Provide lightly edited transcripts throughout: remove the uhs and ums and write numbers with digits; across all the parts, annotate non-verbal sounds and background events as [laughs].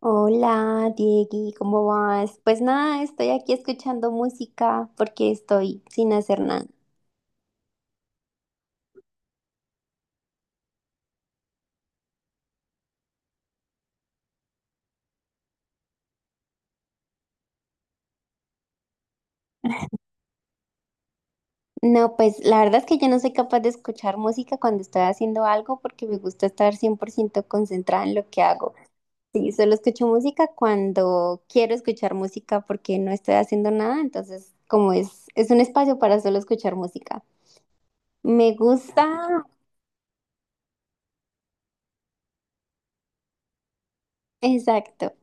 Hola, Diegui, ¿cómo vas? Pues nada, estoy aquí escuchando música porque estoy sin hacer nada. No, pues la verdad es que yo no soy capaz de escuchar música cuando estoy haciendo algo porque me gusta estar 100% concentrada en lo que hago. Sí, solo escucho música cuando quiero escuchar música porque no estoy haciendo nada, entonces como es un espacio para solo escuchar música. Me gusta, exacto.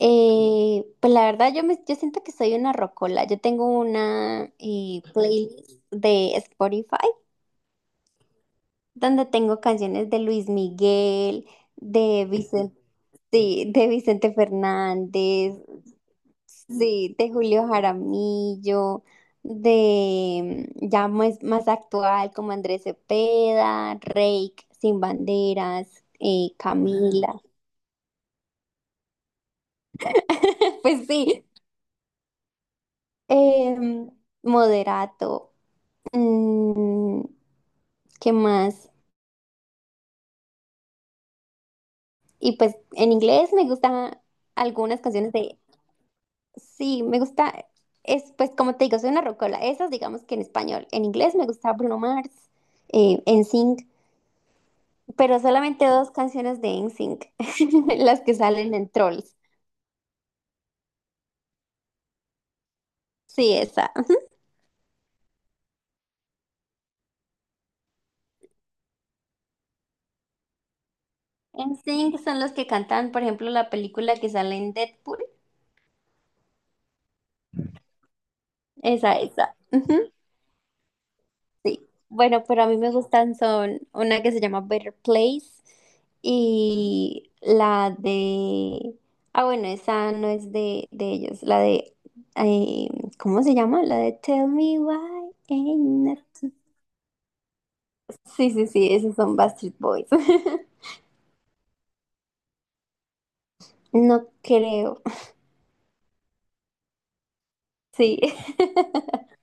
Pues la verdad yo siento que soy una rocola. Yo tengo una playlist de Spotify donde tengo canciones de Luis Miguel, de Vicente, sí, de Vicente Fernández, sí, de Julio Jaramillo, de ya más actual como Andrés Cepeda, Reik, Sin Banderas, Camila. [laughs] Pues sí, em, Moderato. Mm, ¿Qué más? Y pues en inglés me gustan algunas canciones de. Sí, me gusta. Pues como te digo, soy una rocola. Esas digamos que en español. En inglés me gusta Bruno Mars, NSYNC, pero solamente dos canciones de NSYNC, [laughs] las que salen en Trolls. Sí, esa. NSYNC son los que cantan, por ejemplo, la película que sale en Deadpool. Esa, esa. Sí, bueno, pero a mí me gustan son una que se llama Better Place y la de. Ah, bueno, esa no es de ellos, la de. eh, ¿Cómo se llama? La de Tell Me Why Ain't Not-. Sí, sí, sí, esos son Backstreet Boys. [laughs] No creo, sí. [laughs]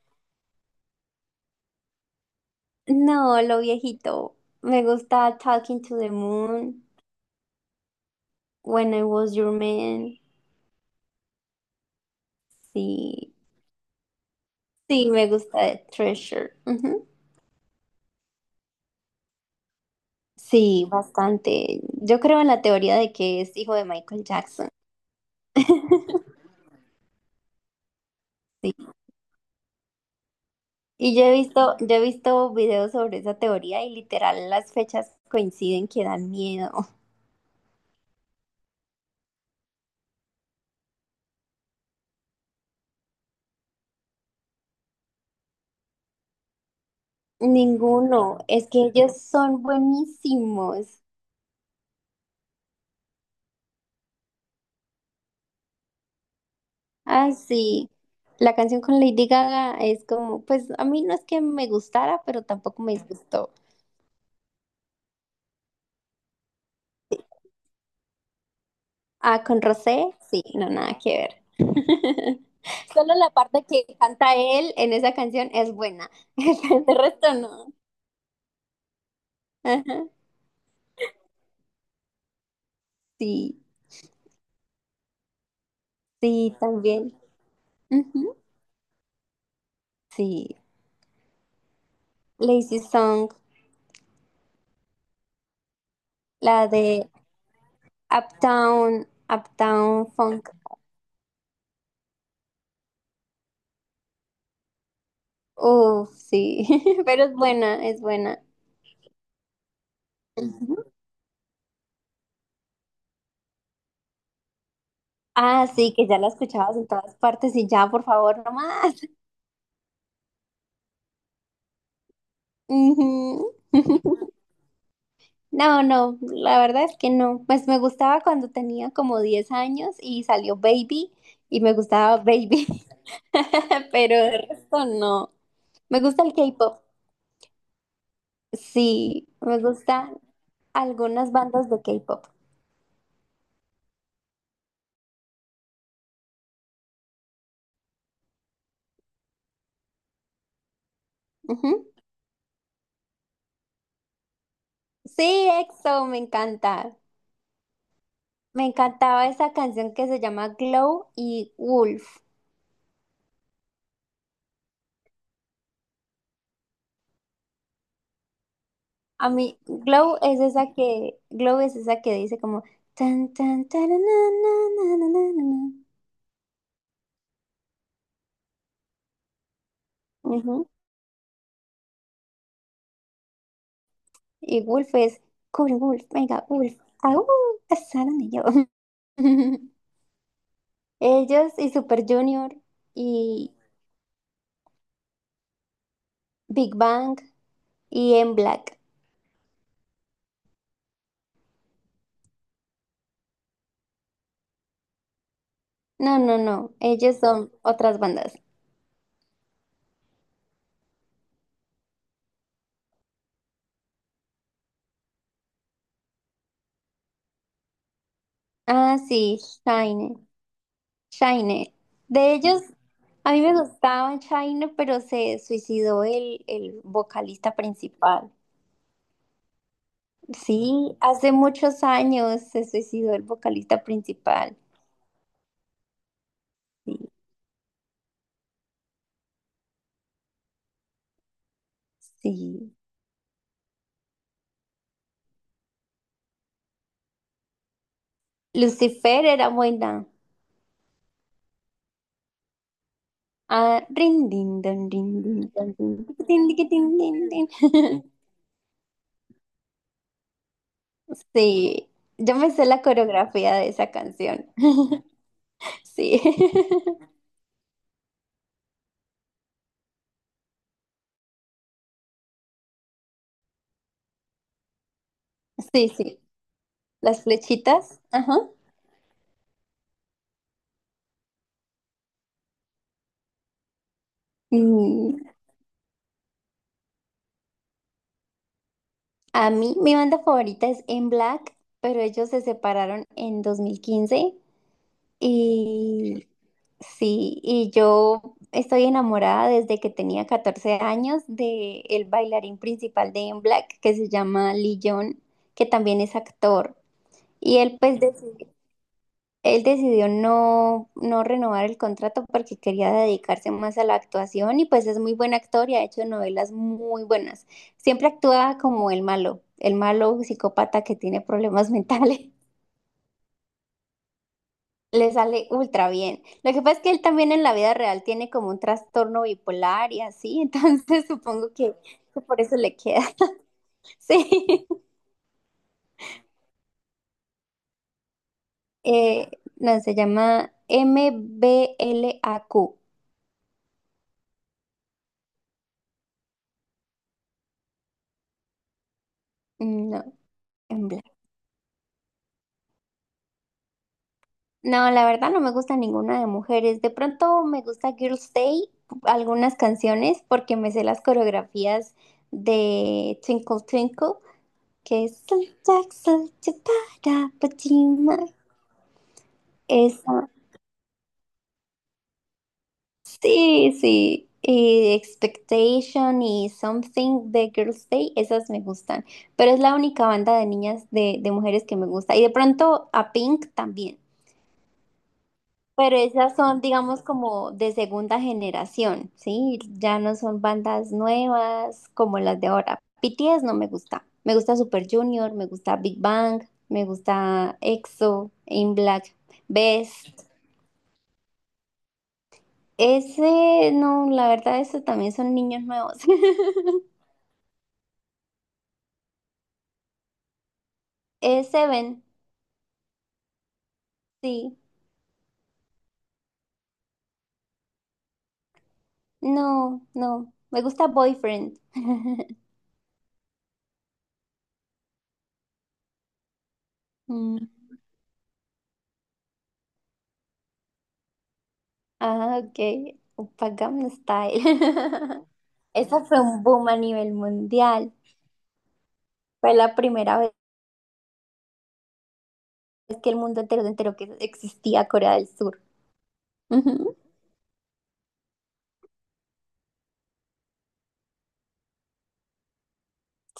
No, lo viejito. Me gusta Talking to the Moon, When I Was Your Man, sí. Sí, me gusta de Treasure. Ujú. Sí, bastante. Yo creo en la teoría de que es hijo de Michael Jackson. [laughs] Sí. Y yo he visto videos sobre esa teoría y literal las fechas coinciden que dan miedo. [laughs] Ninguno. Es que ellos son buenísimos. Ay, sí. La canción con Lady Gaga es como, pues a mí no es que me gustara, pero tampoco me disgustó. Ah, con Rosé, sí, no, nada que ver. [laughs] Solo la parte que canta él en esa canción es buena. [laughs] El resto no. Ajá. Sí, sí, también. Ujú, sí. Lazy Song, la de Uptown, Uptown Funk. Uf, sí. [laughs] Pero es buena, es buena. Ujú. Ah, sí, que ya la escuchabas en todas partes y ya, por favor, no más. Ujú. [laughs] No, no, la verdad es que no. Pues me gustaba cuando tenía como 10 años y salió Baby y me gustaba Baby, [laughs] pero de resto no. Me gusta el K-pop, sí, me gustan algunas bandas de K-pop. Ujú. Sí, EXO, me encanta. Me encantaba esa canción que se llama Glow y Wolf. A mí, Glow es esa que dice como tan tan tan na, na, na, na, na, na, na. Y Wolf es, cubre Wolf, venga, Wolf, aú, casaron y yo. [laughs] Ellos y Super Junior y Big Bang y M Black. No, no, no, ellos son otras bandas. Ah, sí, Shine, Shine. De ellos, a mí me gustaban Shine, pero se suicidó el vocalista principal. Sí, hace muchos años se suicidó el vocalista principal. Sí, sí. Lucifer era buena. Ah, rin, din, don, rin, din, don, rin, tiquitín, tiquitín, din, din. [laughs] Sí, yo me sé la coreografía de esa canción. [laughs] Sí, [laughs] sí, sí. Las flechitas. Ajá. Mm, a mí, mi banda favorita es En Black, pero ellos se separaron en 2015 y sí, y yo estoy enamorada desde que tenía 14 años de el bailarín principal de En Black que se llama Lee Young, que también es actor. Y él pues él decidió no renovar el contrato porque quería dedicarse más a la actuación y pues es muy buen actor y ha hecho novelas muy buenas. Siempre actúa como el malo psicópata que tiene problemas mentales. [laughs] Le sale ultra bien. Lo que pasa es que él también en la vida real tiene como un trastorno bipolar y así, [laughs] entonces supongo que por eso le queda. [laughs] Sí. Eh, no, se llama m b MBLAQ. No, en blanco. No, la verdad no me gusta ninguna de mujeres. De pronto me gusta Girls' Day, algunas canciones, porque me sé las coreografías de Twinkle Twinkle, que es "Little Jack, little Chipara, Pachima". Esa. Sí, sí. Y Expectation y Something de Girls' Day, esas me gustan. Pero es la única banda de niñas, de mujeres que me gusta. Y de pronto a Pink también. Pero esas son, digamos, como de segunda generación, ¿sí? Ya no son bandas nuevas como las de ahora. BTS no me gusta. Me gusta Super Junior, me gusta Big Bang, me gusta EXO, In Black, Best. Ese, no, la verdad, eso también son niños nuevos. [laughs] Seven, sí. No, no. Me gusta Boyfriend. [laughs] Mm. Ah, ok. Gangnam Style. [laughs] Esa fue un boom a nivel mundial. Fue la primera vez que el mundo entero se enteró que existía Corea del Sur. Ujú.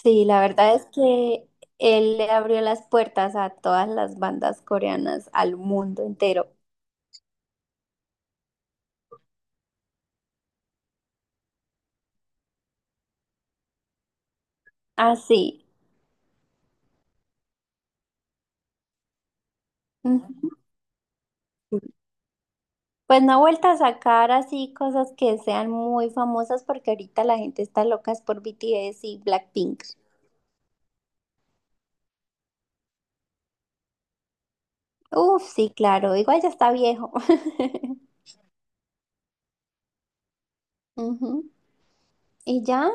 Sí, la verdad es que él le abrió las puertas a todas las bandas coreanas, al mundo entero. Así. Ujú. Pues no ha vuelto a sacar así cosas que sean muy famosas porque ahorita la gente está loca es por BTS y Blackpink. Uf, sí, claro. Igual ya está viejo. [laughs] Ujú. Y ya,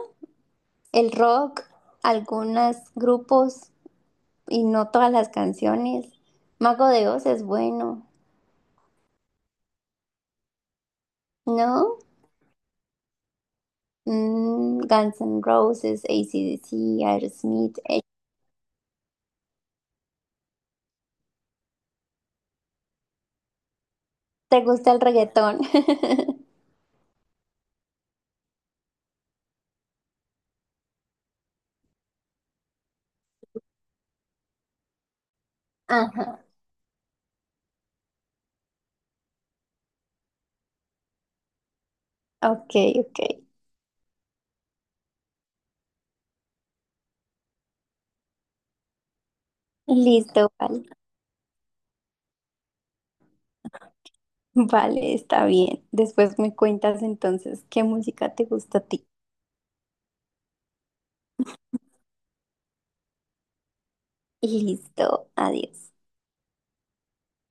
el rock, algunos grupos y no todas las canciones. Mago de Oz es bueno, ¿no? Guns N' Roses, AC/DC, Aerosmith. ¿Te gusta el reggaetón? [laughs] Ajá. Ok, ok. Listo, vale. Vale, está bien. Después me cuentas entonces qué música te gusta a ti. Listo, adiós.